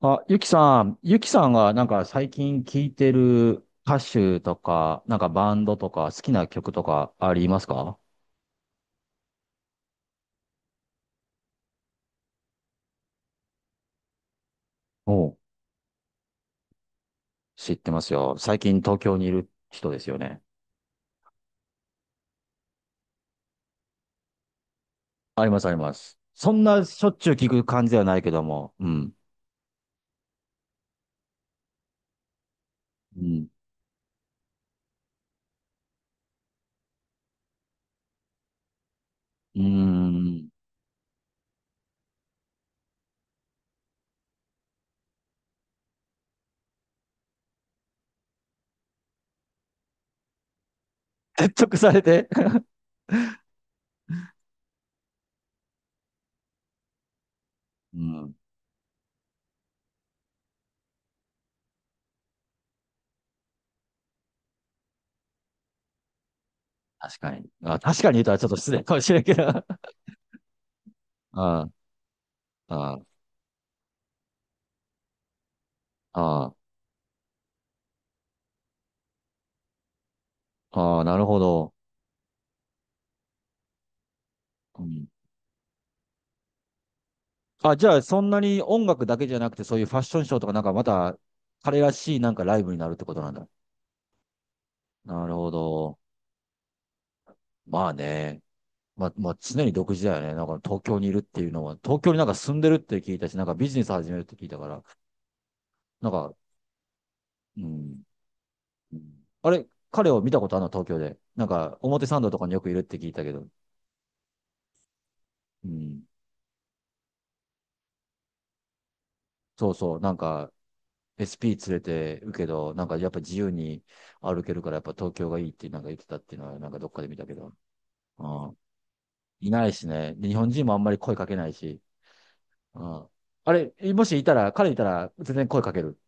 あ、ゆきさんがなんか最近聴いてる歌手とか、なんかバンドとか好きな曲とかありますか？おう。知ってますよ。最近東京にいる人ですよね。ありますあります。そんなしょっちゅう聞く感じではないけども、うん。うん。うーん。説得されて。うん。確かに。あ、確かに言うとはちょっと失礼かもしれんけど。ああ、ああ、ああ、ああ、なるほど。うん。あ、じゃあ、そんなに音楽だけじゃなくて、そういうファッションショーとか、なんかまた、彼らしいなんかライブになるってことなんだ。なるほど。まあね。まあ、まあ、常に独自だよね。なんか東京にいるっていうのは、東京になんか住んでるって聞いたし、なんかビジネス始めるって聞いたから、なんか、うん。うん。あれ、彼を見たことあるの東京で。なんか、表参道とかによくいるって聞いたけど。うん。そうそう。なんか、SP 連れてるけど、なんかやっぱ自由に歩けるから、やっぱ東京がいいってなんか言ってたっていうのは、なんかどっかで見たけど。あ。いないしね。で、日本人もあんまり声かけないし。うん。あれ、もしいたら、彼いたら全然声かける。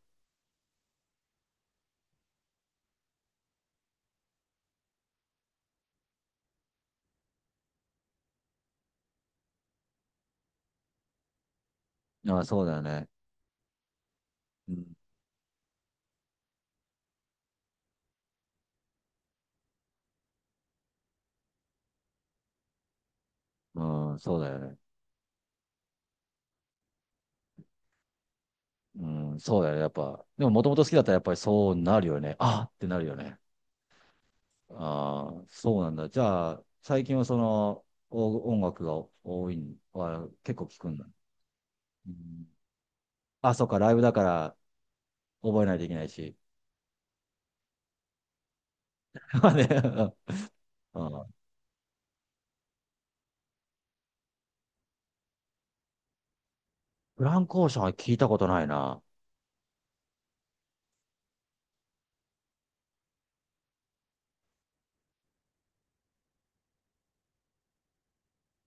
ああ、そうだよね。うん。うん、そうだよね。うん、そうだよね。やっぱ。でも、もともと好きだったらやっぱりそうなるよね。ああってなるよね。ああ、そうなんだ。じゃあ、最近はその、お音楽が多いん、あ、結構聞くんだ。うん、あ、そうか、ライブだから覚えないといけないし。まあね。うん。フランコーションは聞いたことないな。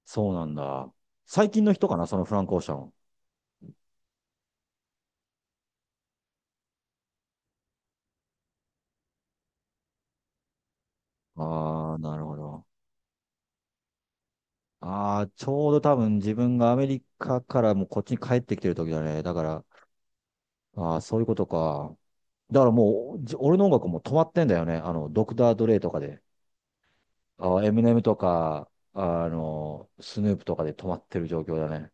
そうなんだ。最近の人かな、そのフランク・オーシャン。ああ、なるほど。ああ、ちょうど多分自分がアメリカからもうこっちに帰ってきてる時だね。だから、ああ、そういうことか。だからもう、俺の音楽も止まってんだよね。ドクター・ドレイとかで。ああ、エミネムとか、スヌープとかで止まってる状況だね。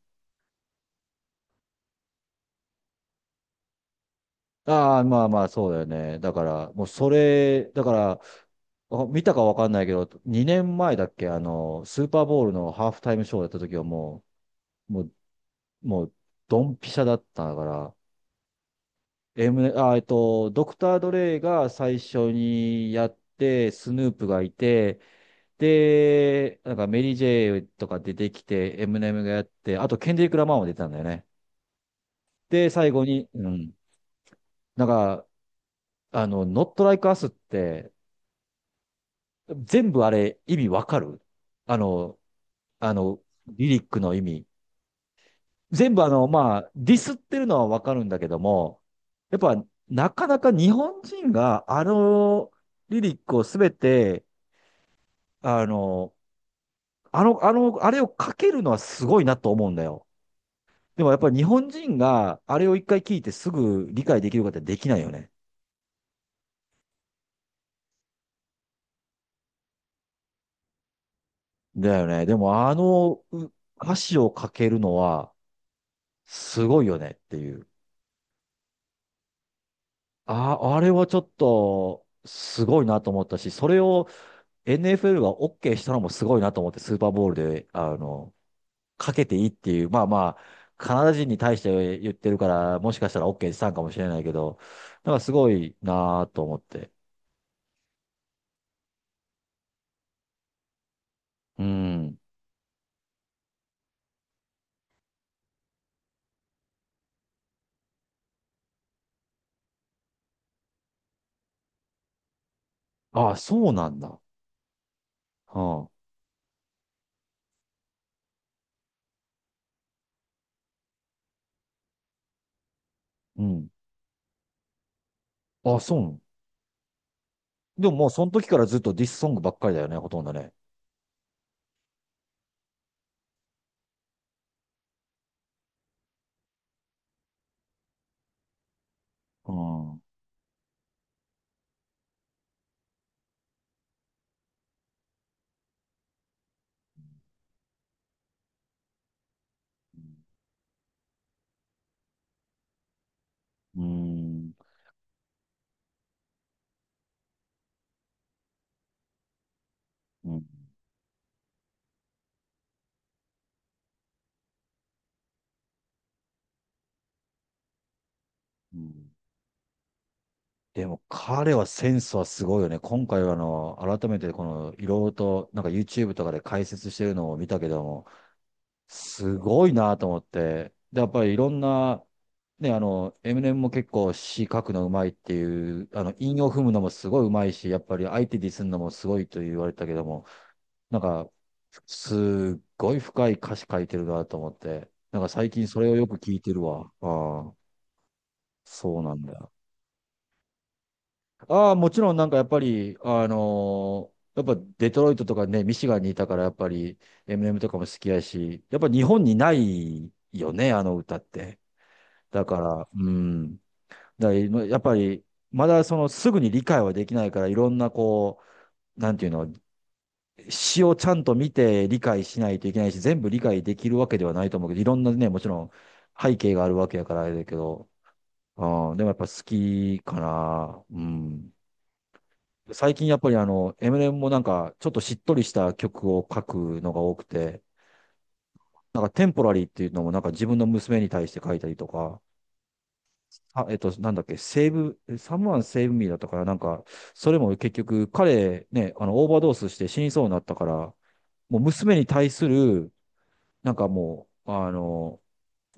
ああ、まあまあ、そうだよね。だから、もうそれ、だから、あ、見たかわかんないけど、2年前だっけ、スーパーボウルのハーフタイムショーやった時はもう、もう、ドンピシャだったから、M、あ、えっと、ドクター・ドレイが最初にやって、スヌープがいて、で、なんかメリー・ジェイとか出てきて、エムネムがやって、あとケンデリック・ラマーも出てたんだよね。で、最後に、うん。なんか、ノット・ライク・アスって、全部あれ、意味わかる？あの、あの、リリックの意味。全部あの、まあ、ディスってるのはわかるんだけども、やっぱ、なかなか日本人があのリリックをすべて、あの、あれを書けるのはすごいなと思うんだよ。でもやっぱり日本人があれを一回聞いてすぐ理解できるかってできないよね。だよね。でもあのう歌詞を書けるのはすごいよねっていう。あ、あれはちょっとすごいなと思ったし、それを NFL が OK したのもすごいなと思って、スーパーボールで、かけていいっていう、まあまあ、カナダ人に対して言ってるから、もしかしたら OK したんかもしれないけど、なんかすごいなぁと思って。うん。ああ、そうなんだ。はあ、うん。ああ、そうなの。でももうその時からずっとディスソングばっかりだよね、ほとんどね。うん。うん。うん。うん。でも彼はセンスはすごいよね。今回は改めてこの、いろいろと、なんか YouTube とかで解説してるのを見たけども、すごいなと思って。で、やっぱりいろんな、ね、エミネムも結構詩書くのうまいっていう、韻を踏むのもすごいうまいし、やっぱり相手ディスるのもすごいと言われたけども、なんか、すっごい深い歌詞書いてるなと思って、なんか最近それをよく聞いてるわ。ああ、そうなんだ。ああ、もちろんなんかやっぱり、やっぱデトロイトとかね、ミシガンにいたからやっぱり MM とかも好きやし、やっぱ日本にないよね、あの歌って。だから、うん。だから今やっぱり、まだそのすぐに理解はできないから、いろんなこう、なんていうの、詩をちゃんと見て理解しないといけないし、全部理解できるわけではないと思うけど、いろんなね、もちろん背景があるわけやからあれだけど、うん、でもやっぱ好きかな。うん。最近やっぱりエ m i ム m もなんか、ちょっとしっとりした曲を書くのが多くて、なんかテンポラリーっていうのもなんか自分の娘に対して書いたりとか、あ、なんだっけ、セーブ、サムワンセーブミーだったから、なんか、それも結局彼ね、オーバードースして死にそうになったから、もう娘に対する、なんかもう、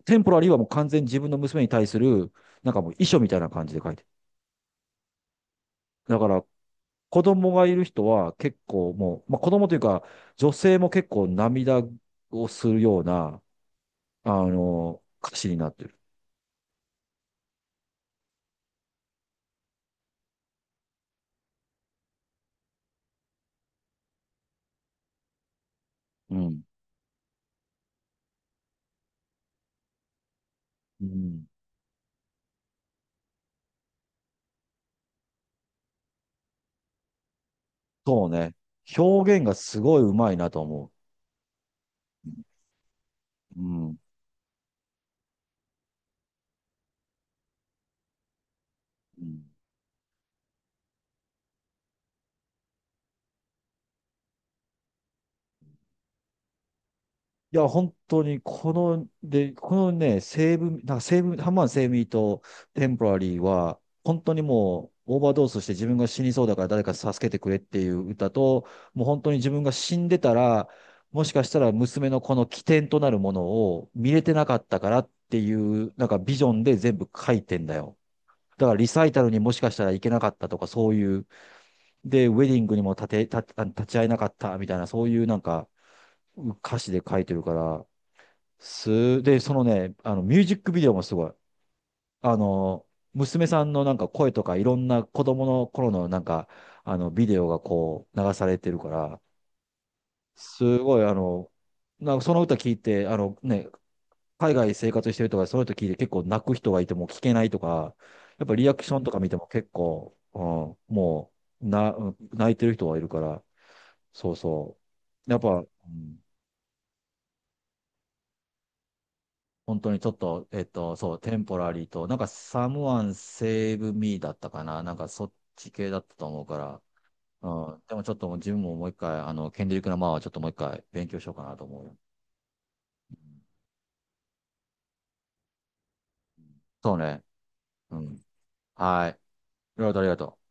テンポラリーはもう完全に自分の娘に対する、なんかもう遺書みたいな感じで書いてる。だから子供がいる人は結構もう、まあ、子供というか、女性も結構涙をするような、歌詞になってる。うん。うん。そうね。表現がすごい上手いなと思う。うん。うん。いや、本当に、で、このね、西ブなんか西ブハンマーセ武ミーとテンポラリーは、本当にもう、オーバードースして自分が死にそうだから誰か助けてくれっていう歌と、もう本当に自分が死んでたら、もしかしたら娘のこの起点となるものを見れてなかったからっていう、なんかビジョンで全部書いてんだよ。だからリサイタルにもしかしたら行けなかったとか、そういう、で、ウェディングにも立て、立あ立ち会えなかったみたいな、そういうなんか歌詞で書いてるから、で、そのね、ミュージックビデオもすごい。あの、娘さんのなんか声とかいろんな子供の頃のなんか、ビデオがこう流されてるから、すごいなんかその歌聞いて、あのね、海外生活してるとか、その歌聞いて結構泣く人がいても聞けないとか、やっぱリアクションとか見ても結構、うん、もう、泣いてる人はいるから、そうそう。やっぱ、うん。本当にちょっと、そう、テンポラリーと、なんか、サムワンセーブミーだったかな。なんか、そっち系だったと思うから。うん。でもちょっともう自分ももう一回、ケンデリック・ラマーはちょっともう一回勉強しようかなと思うよ。うん。そうね。うん。はい。いろいろとありがとう。